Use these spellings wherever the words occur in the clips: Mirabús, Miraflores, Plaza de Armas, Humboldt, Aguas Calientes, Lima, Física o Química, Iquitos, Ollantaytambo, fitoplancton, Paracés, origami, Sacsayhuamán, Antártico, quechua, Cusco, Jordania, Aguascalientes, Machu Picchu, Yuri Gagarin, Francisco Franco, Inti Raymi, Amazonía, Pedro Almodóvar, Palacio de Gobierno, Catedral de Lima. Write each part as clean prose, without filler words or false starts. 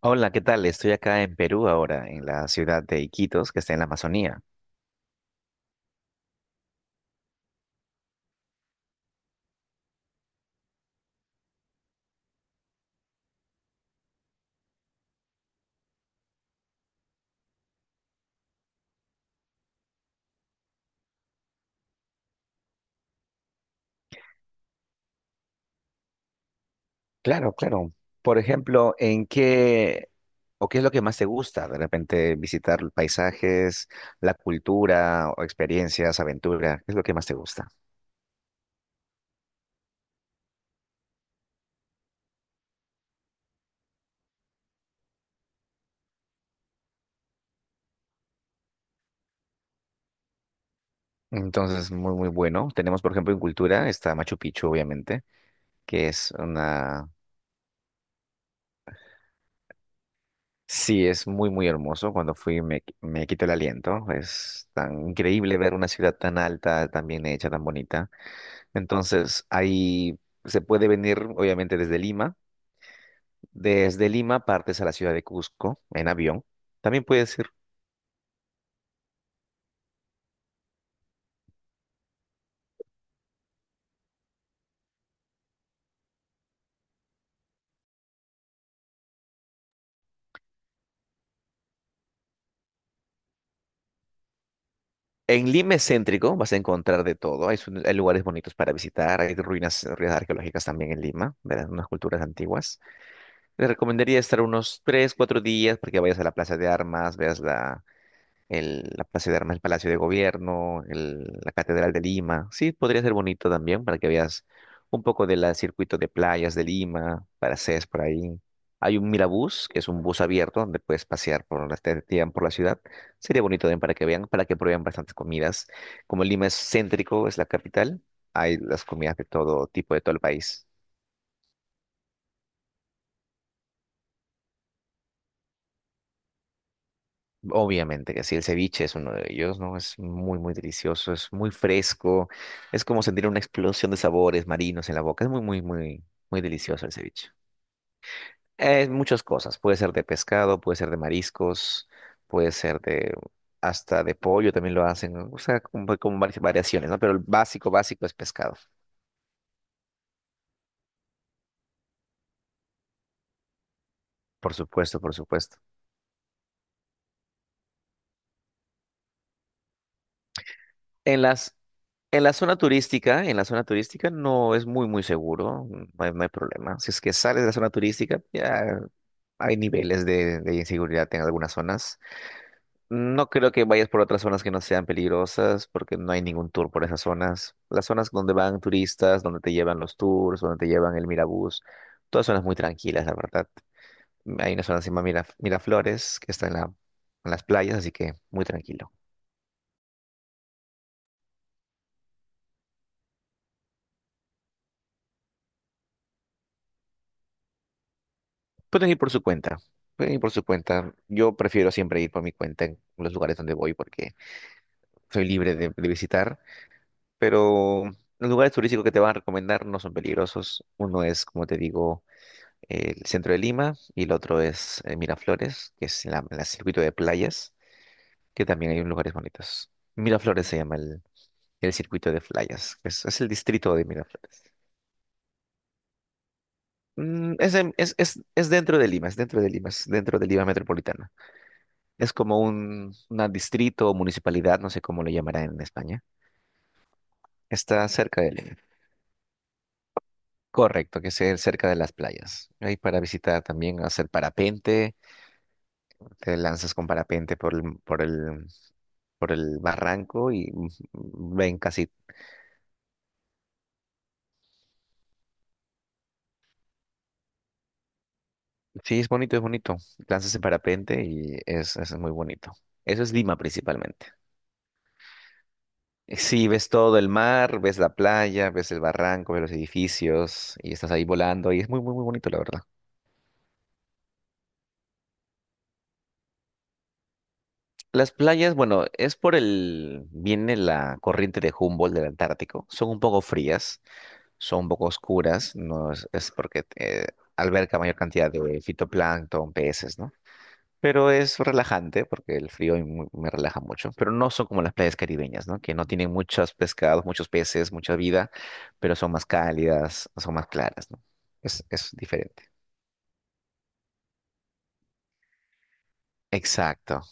Hola, ¿qué tal? Estoy acá en Perú ahora, en la ciudad de Iquitos, que está en la Amazonía. Claro, claro. Por ejemplo, ¿en qué o qué es lo que más te gusta? De repente visitar paisajes, la cultura o experiencias, aventura, ¿qué es lo que más te gusta? Entonces, muy, muy bueno. Tenemos, por ejemplo, en cultura está Machu Picchu, obviamente, que es una... Sí, es muy, muy hermoso. Cuando fui me quito el aliento. Es tan increíble ver una ciudad tan alta, tan bien hecha, tan bonita. Entonces, ahí se puede venir, obviamente, desde Lima. Desde Lima partes a la ciudad de Cusco en avión. También puedes ir. En Lima es céntrico, vas a encontrar de todo. Hay, hay lugares bonitos para visitar. Hay ruinas, ruinas arqueológicas también en Lima, de unas culturas antiguas. Te recomendaría estar unos tres, cuatro días para que vayas a la Plaza de Armas, veas la Plaza de Armas, el Palacio de Gobierno, la Catedral de Lima. Sí, podría ser bonito también para que veas un poco del circuito de playas de Lima, Paracés por ahí. Hay un Mirabús, que es un bus abierto donde puedes pasear te llevan por la ciudad. Sería bonito también para que vean, para que prueben bastantes comidas. Como Lima es céntrico, es la capital, hay las comidas de todo tipo, de todo el país. Obviamente que sí, el ceviche es uno de ellos, ¿no? Es muy, muy delicioso, es muy fresco, es como sentir una explosión de sabores marinos en la boca, es muy, muy, muy, muy delicioso el ceviche. Es muchas cosas, puede ser de pescado, puede ser de mariscos, puede ser de hasta de pollo también lo hacen, ¿no? O sea, como, como varias variaciones, ¿no? Pero el básico, básico es pescado, por supuesto, por supuesto. En las, en la zona turística, en la zona turística no es muy, muy seguro, no hay, no hay problema. Si es que sales de la zona turística, ya hay niveles de inseguridad en algunas zonas. No creo que vayas por otras zonas que no sean peligrosas, porque no hay ningún tour por esas zonas. Las zonas donde van turistas, donde te llevan los tours, donde te llevan el Mirabús, todas zonas muy tranquilas, la verdad. Hay una zona que se llama Miraflores, que está en las playas, así que muy tranquilo. Pueden ir por su cuenta. Pueden ir por su cuenta. Yo prefiero siempre ir por mi cuenta en los lugares donde voy porque soy libre de visitar, pero los lugares turísticos que te van a recomendar no son peligrosos. Uno es, como te digo, el centro de Lima y el otro es Miraflores, que es la circuito de playas, que también hay lugares bonitos. Miraflores se llama el circuito de playas, que es el distrito de Miraflores. Es dentro de Lima, es dentro de Lima, es dentro de Lima metropolitana. Es como un una distrito o municipalidad, no sé cómo lo llamarán en España. Está cerca de Lima. Correcto, que sea cerca de las playas. Ahí para visitar también, hacer parapente, te lanzas con parapente por el barranco y ven casi. Sí, es bonito, es bonito. Lanzas en parapente y es muy bonito. Eso es Lima principalmente. Sí, ves todo el mar, ves la playa, ves el barranco, ves los edificios y estás ahí volando y es muy, muy, muy bonito, la verdad. Las playas, bueno, es por el, viene la corriente de Humboldt del Antártico, son un poco frías, son un poco oscuras, no es, es porque alberga mayor cantidad de fitoplancton, peces, ¿no? Pero es relajante porque el frío y me relaja mucho. Pero no son como las playas caribeñas, ¿no? Que no tienen muchos pescados, muchos peces, mucha vida, pero son más cálidas, son más claras, ¿no? Es diferente. Exacto.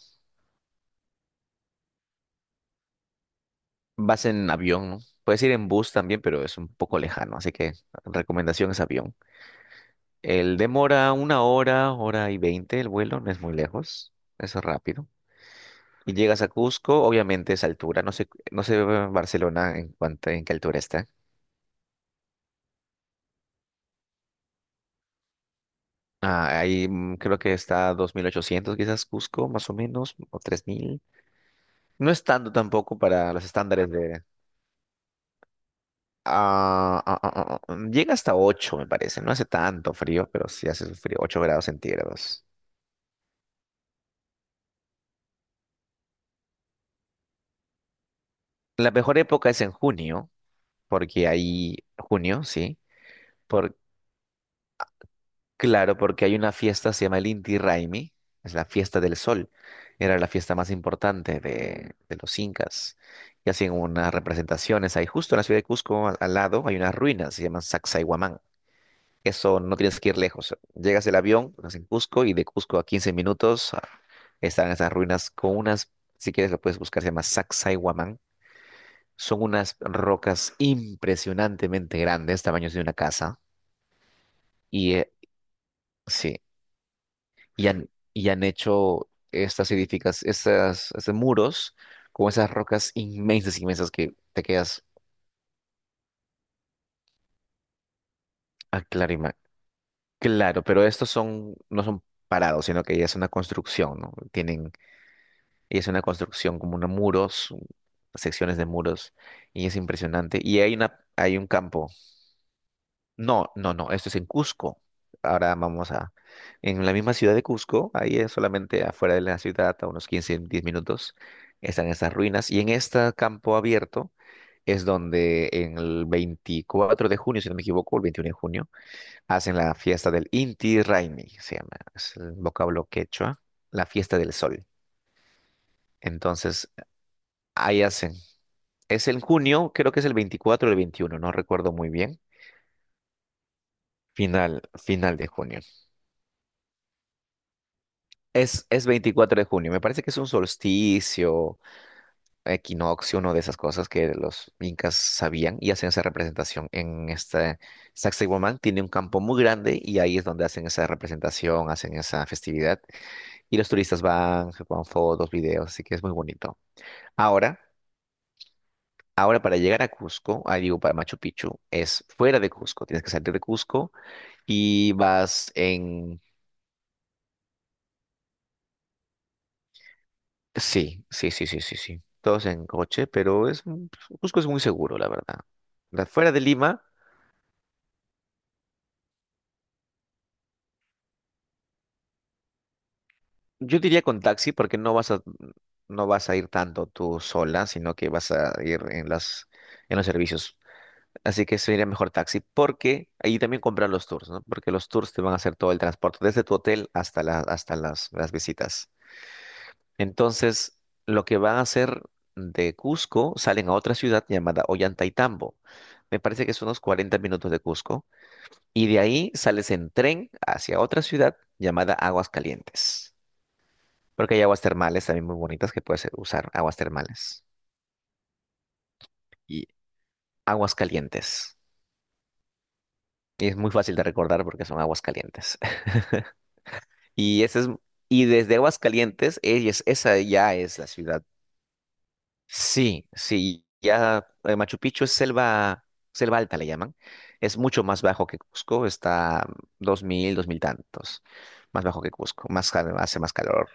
Vas en avión, ¿no? Puedes ir en bus también, pero es un poco lejano, así que recomendación es avión. El demora una hora, hora y 20 el vuelo, no es muy lejos, es rápido. Y llegas a Cusco, obviamente es altura, no sé, no sé Barcelona en cuánto, en qué altura está. Ah, ahí creo que está a 2800 quizás Cusco, más o menos, o 3000. No es tanto tampoco para los estándares de... llega hasta 8 me parece. No hace tanto frío, pero sí hace frío, 8 grados centígrados. La mejor época es en junio, porque ahí, junio, sí, por... Claro, porque hay una fiesta, se llama el Inti Raymi, es la fiesta del sol. Era la fiesta más importante de los incas. Y hacen unas representaciones ahí, justo en la ciudad de Cusco, al lado, hay unas ruinas, se llaman Sacsayhuamán. Eso no tienes que ir lejos. Llegas el avión, estás en Cusco, y de Cusco a 15 minutos están esas ruinas con unas, si quieres lo puedes buscar, se llama Sacsayhuamán. Son unas rocas impresionantemente grandes, tamaños de una casa. Y eh, sí. Y han hecho estas edificas, estas, estos muros con esas rocas inmensas, inmensas que te quedas a clarima. Claro, pero estos son, no son parados, sino que ya es una construcción, ¿no? Tienen, ya es una construcción como unos muros, secciones de muros, y es impresionante. Y hay una, hay un campo. No, no, no, esto es en Cusco. Ahora vamos a... En la misma ciudad de Cusco, ahí es solamente afuera de la ciudad, a unos 15, 10 minutos, están estas ruinas. Y en este campo abierto es donde en el 24 de junio, si no me equivoco, el 21 de junio, hacen la fiesta del Inti Raymi, se llama, es el vocablo quechua, la fiesta del sol. Entonces, ahí hacen. Es en junio, creo que es el 24 o el 21, no recuerdo muy bien. Final, final de junio. Es 24 de junio, me parece que es un solsticio, equinoccio, una de esas cosas que los incas sabían y hacen esa representación en este... Sacsayhuamán tiene un campo muy grande y ahí es donde hacen esa representación, hacen esa festividad y los turistas van, se toman fotos, videos, así que es muy bonito. Ahora, ahora para llegar a Cusco, ah, digo para Machu Picchu, es fuera de Cusco, tienes que salir de Cusco y vas en... Sí, sí, sí, sí, sí, sí. Todos en coche, pero es un- Cusco es muy seguro, la verdad. Fuera de Lima, yo diría con taxi, porque no vas a, no vas a ir tanto tú sola, sino que vas a ir en las, en los servicios. Así que sería mejor taxi, porque ahí también comprar los tours, ¿no? Porque los tours te van a hacer todo el transporte, desde tu hotel hasta las visitas. Entonces, lo que van a hacer de Cusco, salen a otra ciudad llamada Ollantaytambo. Me parece que son unos 40 minutos de Cusco y de ahí sales en tren hacia otra ciudad llamada Aguas Calientes. Porque hay aguas termales también muy bonitas que puedes usar, aguas termales y aguas calientes. Y es muy fácil de recordar porque son aguas calientes. Y ese es, y desde Aguas Calientes, es esa ya es la ciudad. Sí, sí, ya Machu Picchu es selva, selva alta le llaman. Es mucho más bajo que Cusco, está dos mil, dos mil tantos, más bajo que Cusco, más, hace más calor.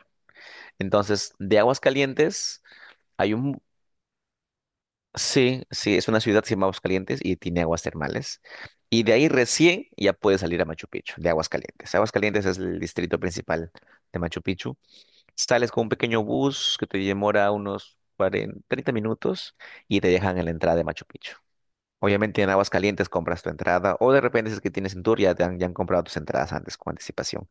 Entonces, de Aguascalientes, hay un... Sí, sí, es una ciudad que se llama Aguascalientes y tiene aguas termales. Y de ahí recién ya puedes salir a Machu Picchu, de Aguascalientes. Aguascalientes es el distrito principal de Machu Picchu. Sales con un pequeño bus que te demora unos 40, 30 minutos y te dejan en la entrada de Machu Picchu. Obviamente en Aguascalientes compras tu entrada o de repente si es que tienes un tour ya, ya han comprado tus entradas antes con anticipación.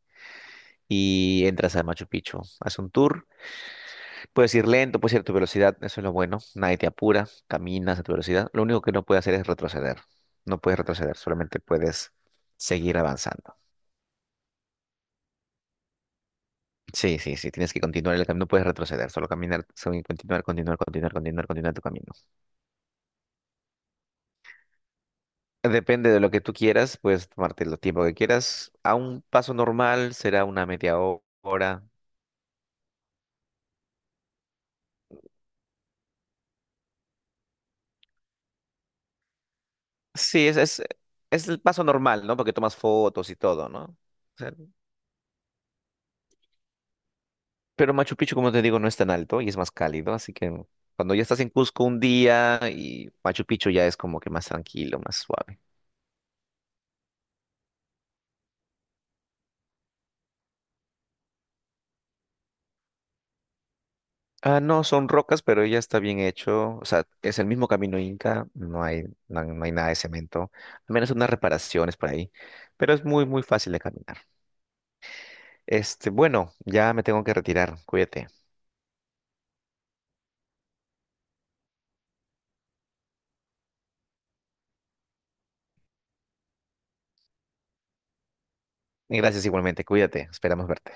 Y entras a Machu Picchu, haces un tour. Puedes ir lento, puedes ir a tu velocidad, eso es lo bueno. Nadie te apura, caminas a tu velocidad. Lo único que no puedes hacer es retroceder. No puedes retroceder, solamente puedes seguir avanzando. Sí, sí, sí, tienes que continuar el camino, no puedes retroceder, solo caminar, solo continuar, continuar, continuar, continuar, continuar tu camino. Depende de lo que tú quieras, puedes tomarte el tiempo que quieras. A un paso normal será una media hora. Sí, es el paso normal, ¿no? Porque tomas fotos y todo, ¿no? O sea, pero Machu Picchu, como te digo, no es tan alto y es más cálido, así que cuando ya estás en Cusco un día y Machu Picchu ya es como que más tranquilo, más suave. Ah, no, son rocas, pero ya está bien hecho. O sea, es el mismo camino inca, no hay nada de cemento, al menos unas reparaciones por ahí, pero es muy, muy fácil de caminar. Este, bueno, ya me tengo que retirar, cuídate. Y gracias igualmente, cuídate, esperamos verte.